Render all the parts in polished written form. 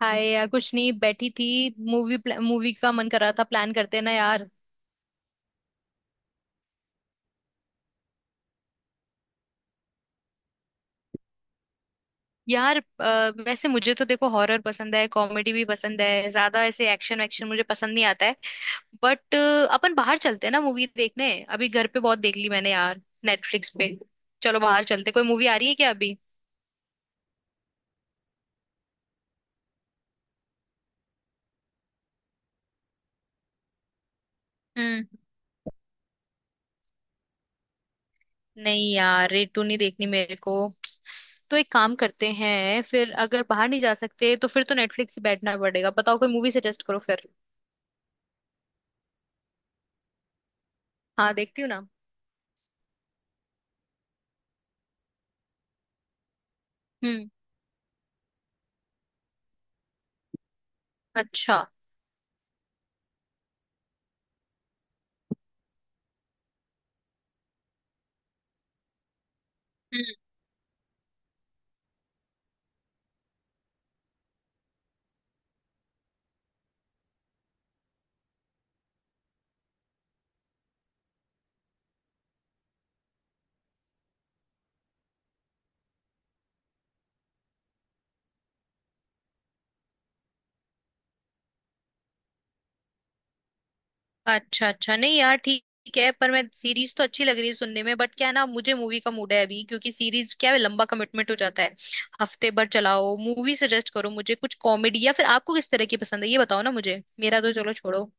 हाय यार, कुछ नहीं बैठी थी। मूवी। मूवी का मन कर रहा था। प्लान करते हैं ना यार। यार वैसे मुझे तो देखो हॉरर पसंद है, कॉमेडी भी पसंद है, ज्यादा ऐसे एक्शन वैक्शन मुझे पसंद नहीं आता है। बट अपन बाहर चलते हैं ना मूवी देखने। अभी घर पे बहुत देख ली मैंने यार नेटफ्लिक्स पे। चलो बाहर चलते, कोई मूवी आ रही है क्या अभी। हम्म। नहीं यार, रेटू नहीं देखनी मेरे को। तो एक काम करते हैं फिर, अगर बाहर नहीं जा सकते तो फिर तो नेटफ्लिक्स से बैठना पड़ेगा। बताओ, कोई मूवी सजेस्ट करो फिर। हाँ, देखती हूँ ना। हम्म। अच्छा। हम्म। अच्छा अच्छा, नहीं यार, ठीक ठीक है। पर मैं, सीरीज तो अच्छी लग रही है सुनने में बट क्या है ना, मुझे मूवी का मूड है अभी, क्योंकि सीरीज क्या है, लंबा कमिटमेंट हो जाता है हफ्ते भर चलाओ। मूवी सजेस्ट करो मुझे कुछ कॉमेडी, या फिर आपको किस तरह की पसंद है ये बताओ ना मुझे, मेरा तो चलो छोड़ो।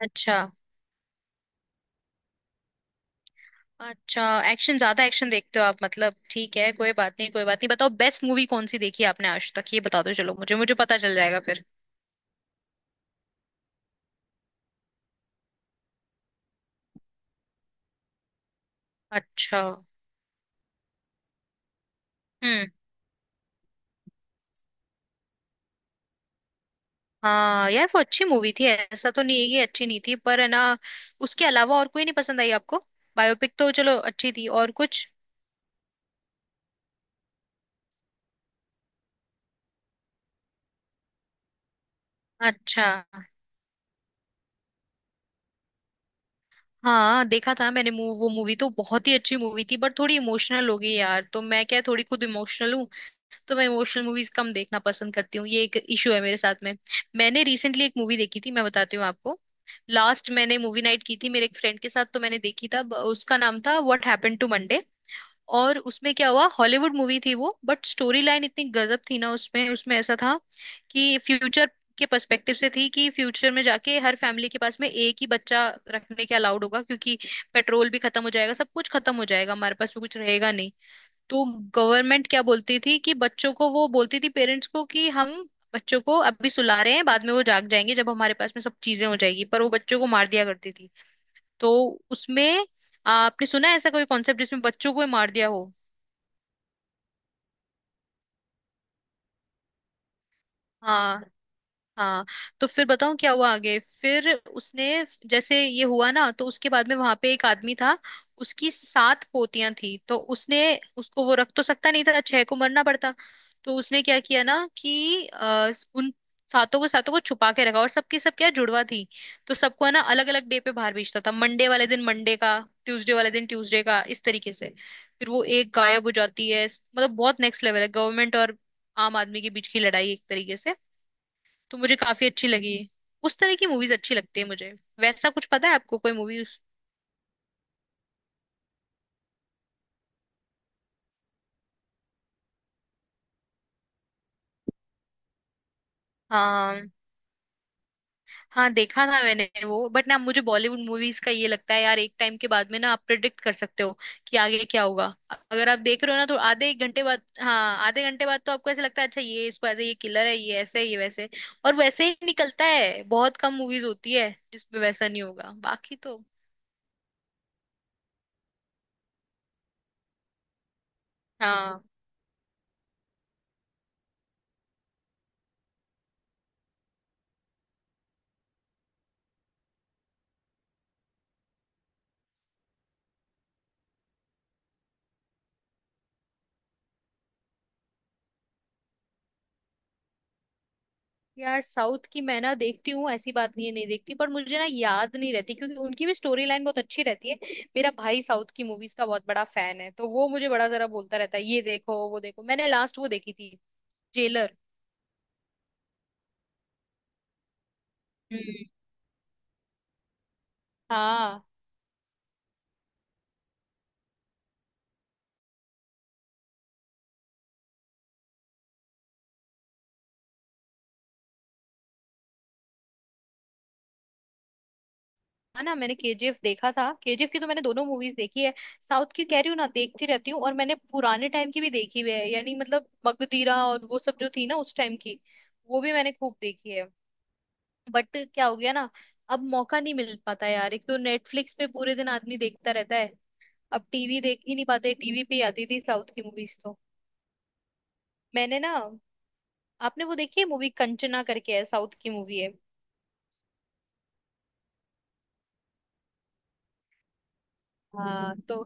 अच्छा। अच्छा। एक्शन, ज्यादा एक्शन देखते हो आप, मतलब ठीक है, कोई बात नहीं कोई बात नहीं। बताओ, बेस्ट मूवी कौन सी देखी है आपने आज तक, ये बता दो चलो, मुझे मुझे पता चल जाएगा फिर। अच्छा। हम्म। हाँ यार, वो अच्छी मूवी थी, ऐसा तो नहीं है कि अच्छी नहीं थी, पर है ना। उसके अलावा और कोई नहीं पसंद आई आपको? बायोपिक तो चलो अच्छी थी, और कुछ? अच्छा। हाँ देखा था मैंने वो मूवी तो बहुत ही अच्छी मूवी थी बट थोड़ी इमोशनल हो गई यार, तो मैं क्या, थोड़ी खुद इमोशनल हूँ। तो मैं इमोशनल मूवीज कम देखना पसंद करती हूँ, ये एक इशू है मेरे साथ में। मैंने रिसेंटली एक मूवी देखी थी, मैं बताती हूँ आपको। लास्ट मैंने मूवी नाइट की थी मेरे एक फ्रेंड के साथ, तो मैंने देखी था उसका नाम था व्हाट हैपेंड टू मंडे। और उसमें क्या हुआ, हॉलीवुड मूवी थी वो बट स्टोरी लाइन इतनी गजब थी ना, उसमें उसमें ऐसा था कि फ्यूचर के पर्सपेक्टिव से थी, कि फ्यूचर में जाके हर फैमिली के पास में एक ही बच्चा रखने के अलाउड होगा, क्योंकि पेट्रोल भी खत्म हो जाएगा, सब कुछ खत्म हो जाएगा, हमारे पास भी कुछ रहेगा नहीं। तो गवर्नमेंट क्या बोलती थी कि बच्चों को, वो बोलती थी पेरेंट्स को कि हम बच्चों को अभी सुला रहे हैं, बाद में वो जाग जाएंगे जब हमारे पास में सब चीजें हो जाएगी, पर वो बच्चों को मार दिया करती थी। तो उसमें आपने सुना है ऐसा कोई कॉन्सेप्ट जिसमें बच्चों को ही मार दिया हो? हाँ। हाँ। तो फिर बताऊं क्या हुआ आगे फिर। उसने, जैसे ये हुआ ना, तो उसके बाद में वहां पे एक आदमी था। उसकी 7 पोतियां थी, तो उसने, उसको वो रख तो सकता नहीं था, 6 को मरना पड़ता। तो उसने क्या किया ना कि उन 7ों को, 7ों को छुपा के रखा, और सबकी सब क्या, जुड़वा थी। तो सबको है ना अलग अलग डे पे बाहर भेजता था। मंडे वाले दिन मंडे का, ट्यूसडे वाले दिन ट्यूसडे का, इस तरीके से। फिर वो एक गायब हो जाती है। मतलब बहुत नेक्स्ट लेवल है, गवर्नमेंट और आम आदमी के बीच की लड़ाई एक तरीके से। तो मुझे काफी अच्छी लगी। उस तरह की मूवीज अच्छी लगती है मुझे। वैसा कुछ पता है आपको कोई मूवी? हाँ। हाँ देखा था मैंने वो, बट ना मुझे बॉलीवुड मूवीज का ये लगता है यार, एक टाइम के बाद में ना आप प्रिडिक्ट कर सकते हो कि आगे क्या होगा। अगर आप देख रहे हो ना तो आधे एक घंटे बाद, हाँ आधे घंटे बाद तो आपको ऐसे लगता है, अच्छा ये इसको ऐसे, ये किलर है, ये ऐसे, ये वैसे, और वैसे ही निकलता है। बहुत कम मूवीज होती है जिसमें वैसा नहीं होगा, बाकी तो। हाँ। यार साउथ की मैं ना देखती हूँ, ऐसी बात नहीं है नहीं देखती, पर मुझे ना याद नहीं रहती, क्योंकि उनकी भी स्टोरी लाइन बहुत अच्छी रहती है। मेरा भाई साउथ की मूवीज का बहुत बड़ा फैन है, तो वो मुझे बड़ा जरा बोलता रहता है ये देखो वो देखो। मैंने लास्ट वो देखी थी जेलर। हम्म। हाँ, है ना, मैंने केजीएफ देखा था, केजीएफ की तो मैंने दोनों मूवीज देखी है। साउथ की कह रही हूँ ना, देखती रहती हूँ, और मैंने पुराने टाइम की भी देखी हुई है, यानी मतलब मगधीरा और वो सब जो थी ना उस टाइम की, वो भी मैंने खूब देखी है। बट क्या हो गया ना, अब मौका नहीं मिल पाता यार, एक तो नेटफ्लिक्स पे पूरे दिन आदमी देखता रहता है, अब टीवी देख ही नहीं पाते, टीवी पे ही आती थी साउथ की मूवीज तो। मैंने ना, आपने वो देखी है मूवी कंचना करके, है साउथ की मूवी है। हाँ तो,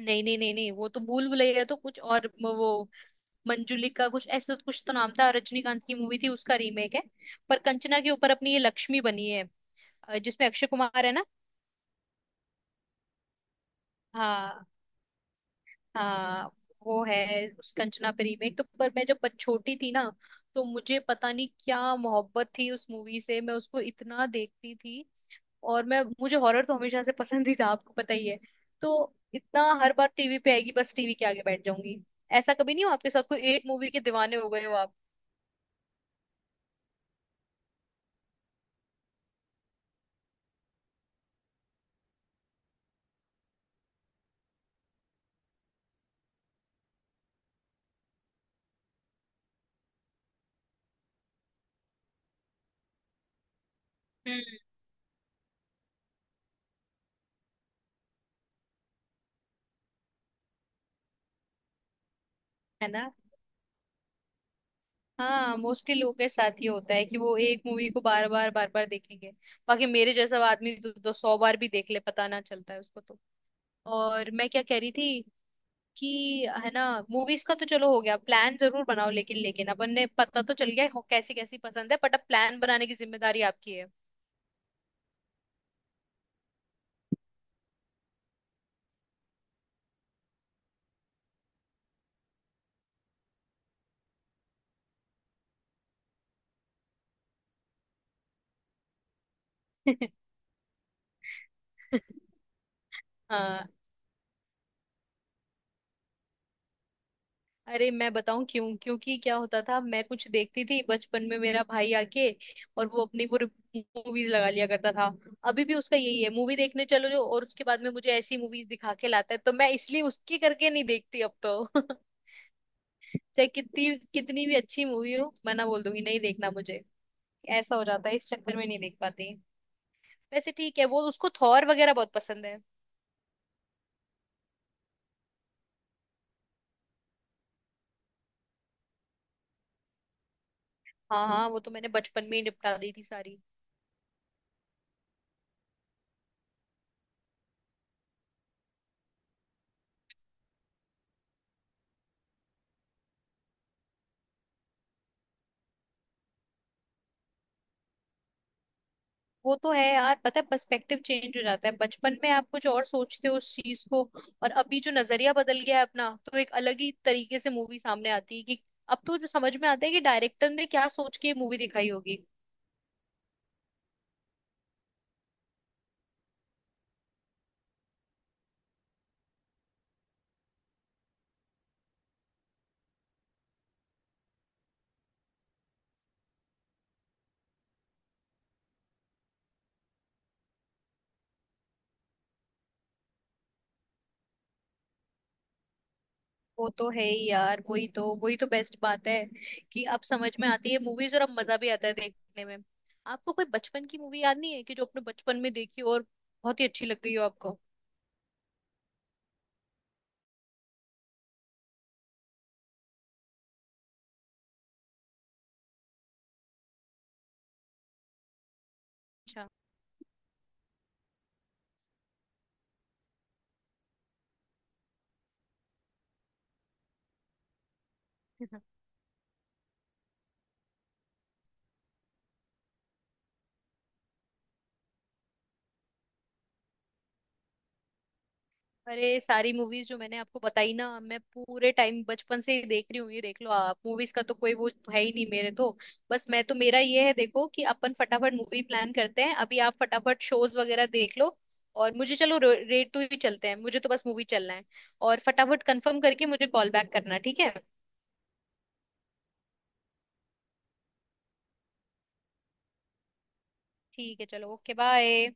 नहीं नहीं नहीं नहीं, वो तो भूल भुलैया तो कुछ और वो मंजुलिका कुछ, ऐसा कुछ तो नाम था, रजनीकांत की मूवी थी उसका रीमेक है। पर कंचना के ऊपर अपनी ये लक्ष्मी बनी है, जिसमें अक्षय कुमार है ना। हाँ। हाँ। वो है उस कंचना पे रीमेक तो। पर मैं जब छोटी थी ना, तो मुझे पता नहीं क्या मोहब्बत थी उस मूवी से, मैं उसको इतना देखती थी। और मैं, मुझे हॉरर तो हमेशा से पसंद ही था, आपको पता ही है। तो इतना, हर बार टीवी पे आएगी बस टीवी के आगे बैठ जाऊंगी। ऐसा कभी नहीं हो आपके साथ कोई एक मूवी के दीवाने हो गए हो आप? हम्म। है ना। हाँ, मोस्टली लोगों के साथ ही होता है कि वो एक मूवी को बार बार बार बार देखेंगे। बाकी मेरे जैसा आदमी तो 100 बार भी देख ले पता ना चलता है उसको तो। और मैं क्या कह रही थी कि, है ना, मूवीज का तो चलो हो गया प्लान, जरूर बनाओ लेकिन, लेकिन अपन ने पता तो चल गया कैसी कैसी पसंद है, बट अब प्लान बनाने की जिम्मेदारी आपकी है। हाँ। अरे मैं बताऊं क्यों, क्योंकि क्या होता था, मैं कुछ देखती थी बचपन में, मेरा भाई आके और वो अपनी वो मूवीज लगा लिया करता था। अभी भी उसका यही है, मूवी देखने चलो जो, और उसके बाद में मुझे ऐसी मूवीज दिखा के लाता है, तो मैं इसलिए उसकी करके नहीं देखती अब तो। चाहे कितनी कितनी भी अच्छी मूवी हो, मैं ना बोल दूंगी नहीं देखना मुझे। ऐसा हो जाता है, इस चक्कर में नहीं देख पाती। वैसे ठीक है, वो उसको थॉर वगैरह बहुत पसंद है। हाँ हाँ, वो तो मैंने बचपन में ही निपटा दी थी सारी। वो तो है यार, पता है पर्सपेक्टिव चेंज हो जाता है, बचपन में आप कुछ और सोचते हो उस चीज को, और अभी जो नजरिया बदल गया है अपना, तो एक अलग ही तरीके से मूवी सामने आती है। कि अब तो जो समझ में आता है कि डायरेक्टर ने क्या सोच के मूवी दिखाई होगी। वो तो है ही यार, वही तो, वही तो बेस्ट बात है कि अब समझ में आती है मूवीज और अब मजा भी आता है देखने में। आपको कोई बचपन की मूवी याद नहीं है कि जो अपने बचपन में देखी हो और बहुत ही अच्छी लग गई हो आपको? अच्छा। अरे सारी मूवीज जो मैंने आपको बताई ना, मैं पूरे टाइम बचपन से ही देख रही हूँ, ये देख लो आप, मूवीज का तो कोई वो है ही नहीं मेरे तो। बस मैं तो, मेरा ये है देखो कि अपन फटाफट मूवी प्लान करते हैं। अभी आप फटाफट शोज वगैरह देख लो, और मुझे चलो रेट टू ही चलते हैं, मुझे तो बस मूवी चलना है। और फटाफट कंफर्म करके मुझे कॉल बैक करना, ठीक है? ठीक है, चलो ओके बाय।